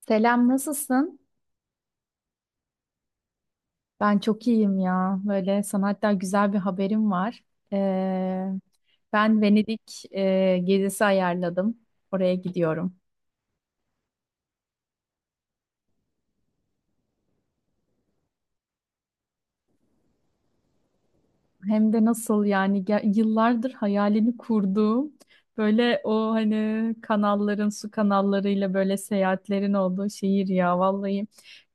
Selam, nasılsın? Ben çok iyiyim ya. Böyle sana hatta güzel bir haberim var. Ee, Ben Venedik gezisi ayarladım. Oraya gidiyorum. Hem de nasıl yani yıllardır hayalini kurduğum böyle o hani kanalların su kanallarıyla böyle seyahatlerin olduğu şehir ya vallahi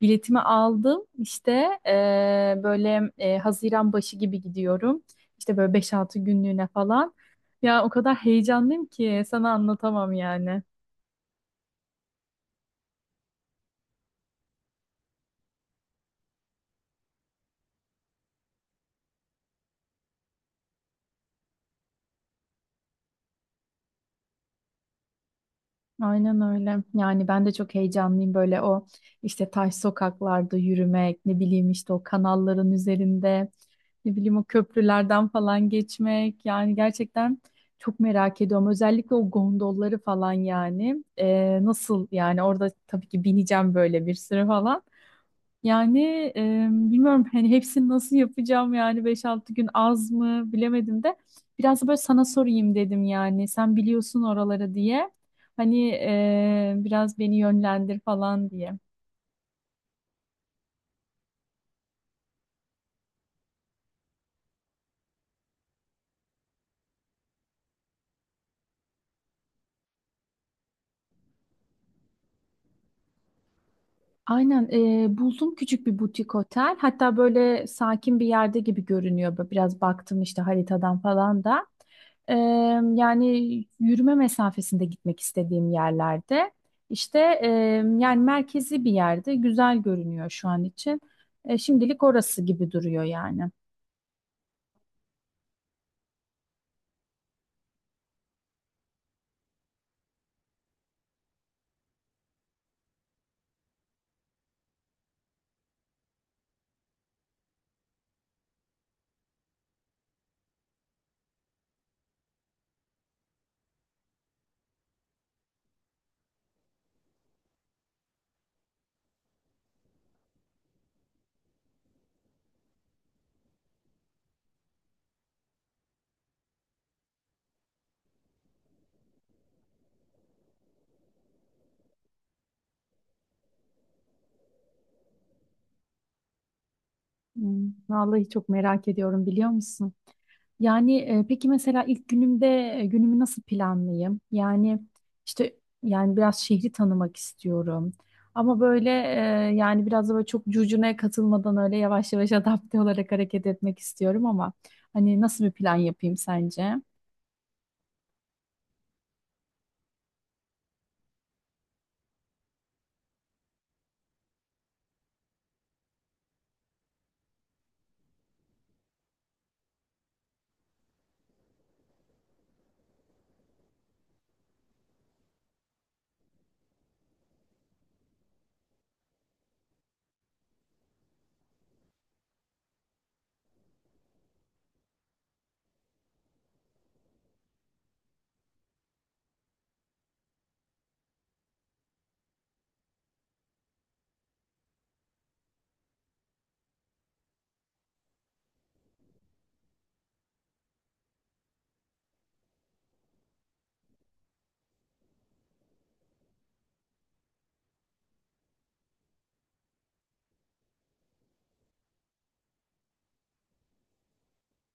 biletimi aldım işte böyle Haziran başı gibi gidiyorum işte böyle beş 6 günlüğüne falan ya o kadar heyecanlıyım ki sana anlatamam yani. Aynen öyle. Yani ben de çok heyecanlıyım böyle o işte taş sokaklarda yürümek, ne bileyim işte o kanalların üzerinde, ne bileyim o köprülerden falan geçmek. Yani gerçekten çok merak ediyorum. Özellikle o gondolları falan yani. Nasıl yani orada tabii ki bineceğim böyle bir sürü falan. Yani bilmiyorum hani hepsini nasıl yapacağım yani beş altı gün az mı bilemedim de biraz da böyle sana sorayım dedim yani sen biliyorsun oraları diye hani biraz beni yönlendir falan diye. Aynen buldum küçük bir butik otel. Hatta böyle sakin bir yerde gibi görünüyor. Böyle biraz baktım işte haritadan falan da. E, Yani yürüme mesafesinde gitmek istediğim yerlerde. İşte yani merkezi bir yerde güzel görünüyor şu an için. Şimdilik orası gibi duruyor yani. Hmm, vallahi çok merak ediyorum biliyor musun? Yani peki mesela ilk günümde günümü nasıl planlayayım? Yani işte yani biraz şehri tanımak istiyorum. Ama böyle yani biraz da böyle çok curcunaya katılmadan öyle yavaş yavaş adapte olarak hareket etmek istiyorum ama hani nasıl bir plan yapayım sence?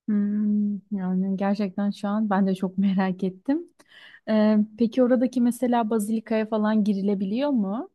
Hmm, yani gerçekten şu an ben de çok merak ettim. E, peki oradaki mesela bazilikaya falan girilebiliyor mu?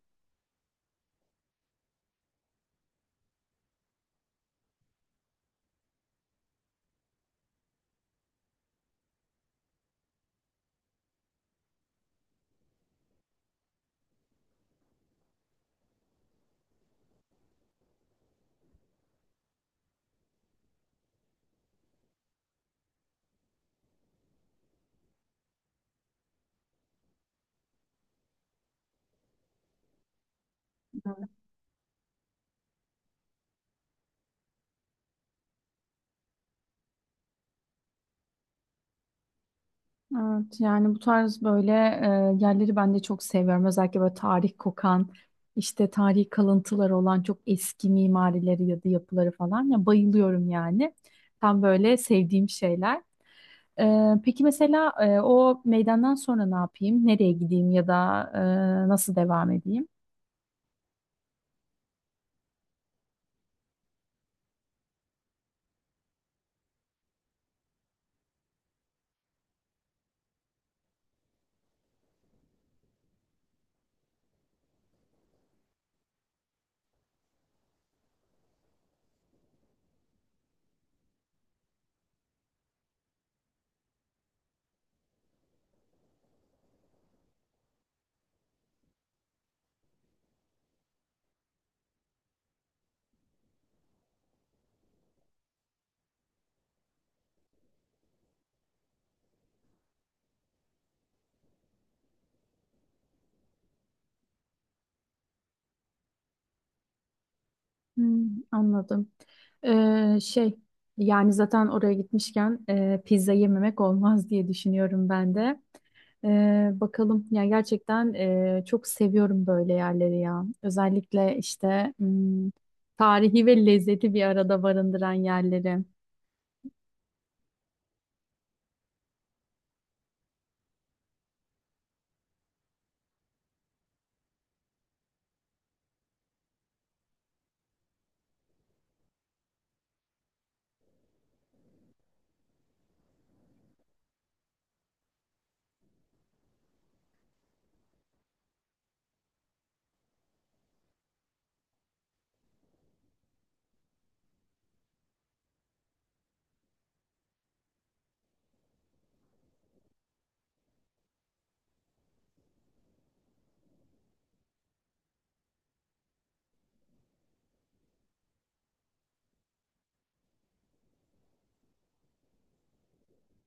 Evet, yani bu tarz böyle yerleri ben de çok seviyorum. Özellikle böyle tarih kokan, işte tarihi kalıntıları olan çok eski mimarileri ya da yapıları falan. Ya bayılıyorum yani. Tam böyle sevdiğim şeyler. E, peki mesela o meydandan sonra ne yapayım? Nereye gideyim ya da nasıl devam edeyim? Hmm, anladım. Şey yani zaten oraya gitmişken pizza yememek olmaz diye düşünüyorum ben de. Bakalım ya gerçekten çok seviyorum böyle yerleri ya. Özellikle işte hmm, tarihi ve lezzeti bir arada barındıran yerleri.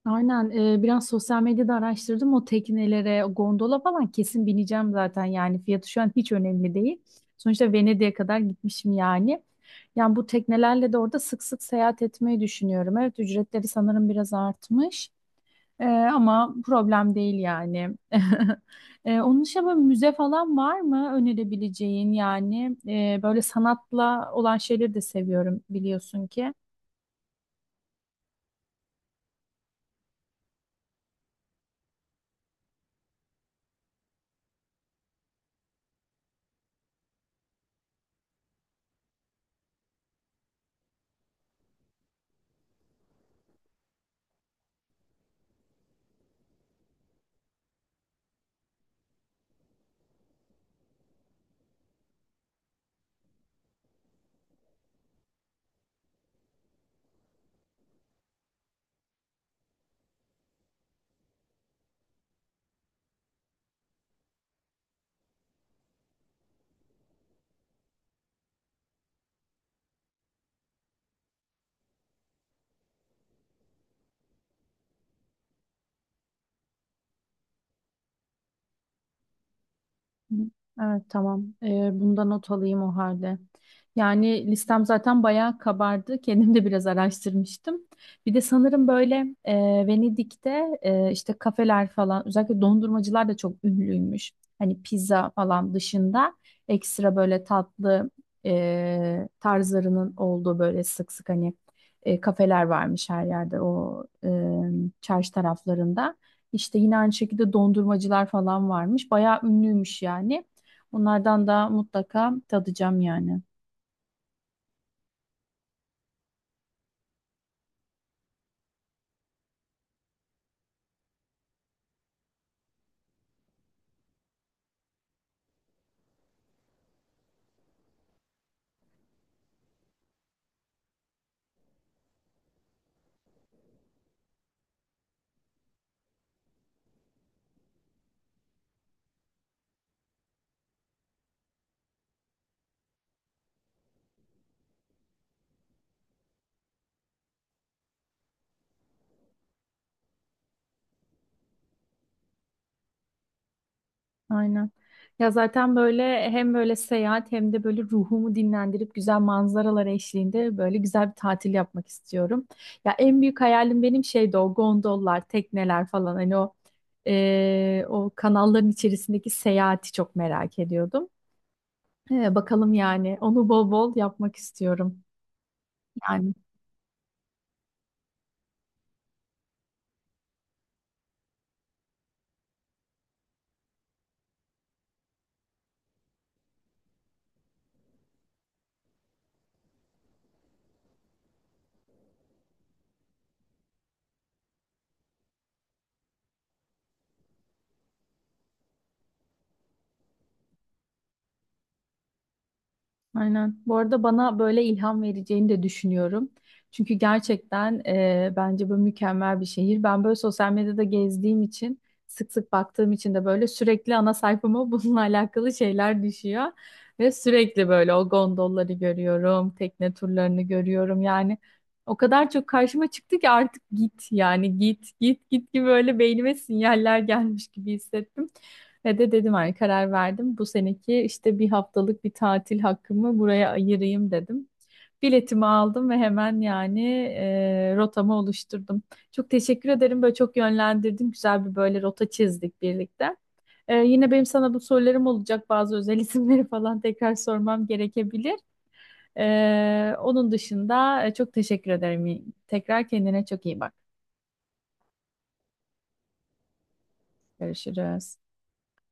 Aynen biraz sosyal medyada araştırdım o teknelere, o gondola falan kesin bineceğim zaten yani fiyatı şu an hiç önemli değil. Sonuçta Venedik'e kadar gitmişim yani. Yani bu teknelerle de orada sık sık seyahat etmeyi düşünüyorum. Evet ücretleri sanırım biraz artmış. Ama problem değil yani. Onun dışında böyle müze falan var mı önerebileceğin yani. Böyle sanatla olan şeyleri de seviyorum biliyorsun ki. Hı. Evet tamam. Bunda not alayım o halde. Yani listem zaten bayağı kabardı. Kendim de biraz araştırmıştım. Bir de sanırım böyle e, Venedik'te işte kafeler falan özellikle dondurmacılar da çok ünlüymüş. Hani pizza falan dışında ekstra böyle tatlı tarzlarının olduğu böyle sık sık hani kafeler varmış her yerde o çarşı taraflarında. İşte yine aynı şekilde dondurmacılar falan varmış. Bayağı ünlüymüş yani. Onlardan da mutlaka tadacağım yani. Aynen. Ya zaten böyle hem böyle seyahat hem de böyle ruhumu dinlendirip güzel manzaralar eşliğinde böyle güzel bir tatil yapmak istiyorum. Ya en büyük hayalim benim şeydi o gondollar, tekneler falan hani o o kanalların içerisindeki seyahati çok merak ediyordum. Bakalım yani onu bol bol yapmak istiyorum. Yani. Aynen. Bu arada bana böyle ilham vereceğini de düşünüyorum. Çünkü gerçekten bence bu mükemmel bir şehir. Ben böyle sosyal medyada gezdiğim için, sık sık baktığım için de böyle sürekli ana sayfama bununla alakalı şeyler düşüyor. Ve sürekli böyle o gondolları görüyorum, tekne turlarını görüyorum. Yani o kadar çok karşıma çıktı ki artık git yani git gibi böyle beynime sinyaller gelmiş gibi hissettim. Ve de dedim hani karar verdim. Bu seneki işte bir haftalık bir tatil hakkımı buraya ayırayım dedim. Biletimi aldım ve hemen yani rotamı oluşturdum. Çok teşekkür ederim. Böyle çok yönlendirdin. Güzel bir böyle rota çizdik birlikte. E, yine benim sana bu sorularım olacak. Bazı özel isimleri falan tekrar sormam gerekebilir. Onun dışında çok teşekkür ederim. Tekrar kendine çok iyi bak. Görüşürüz.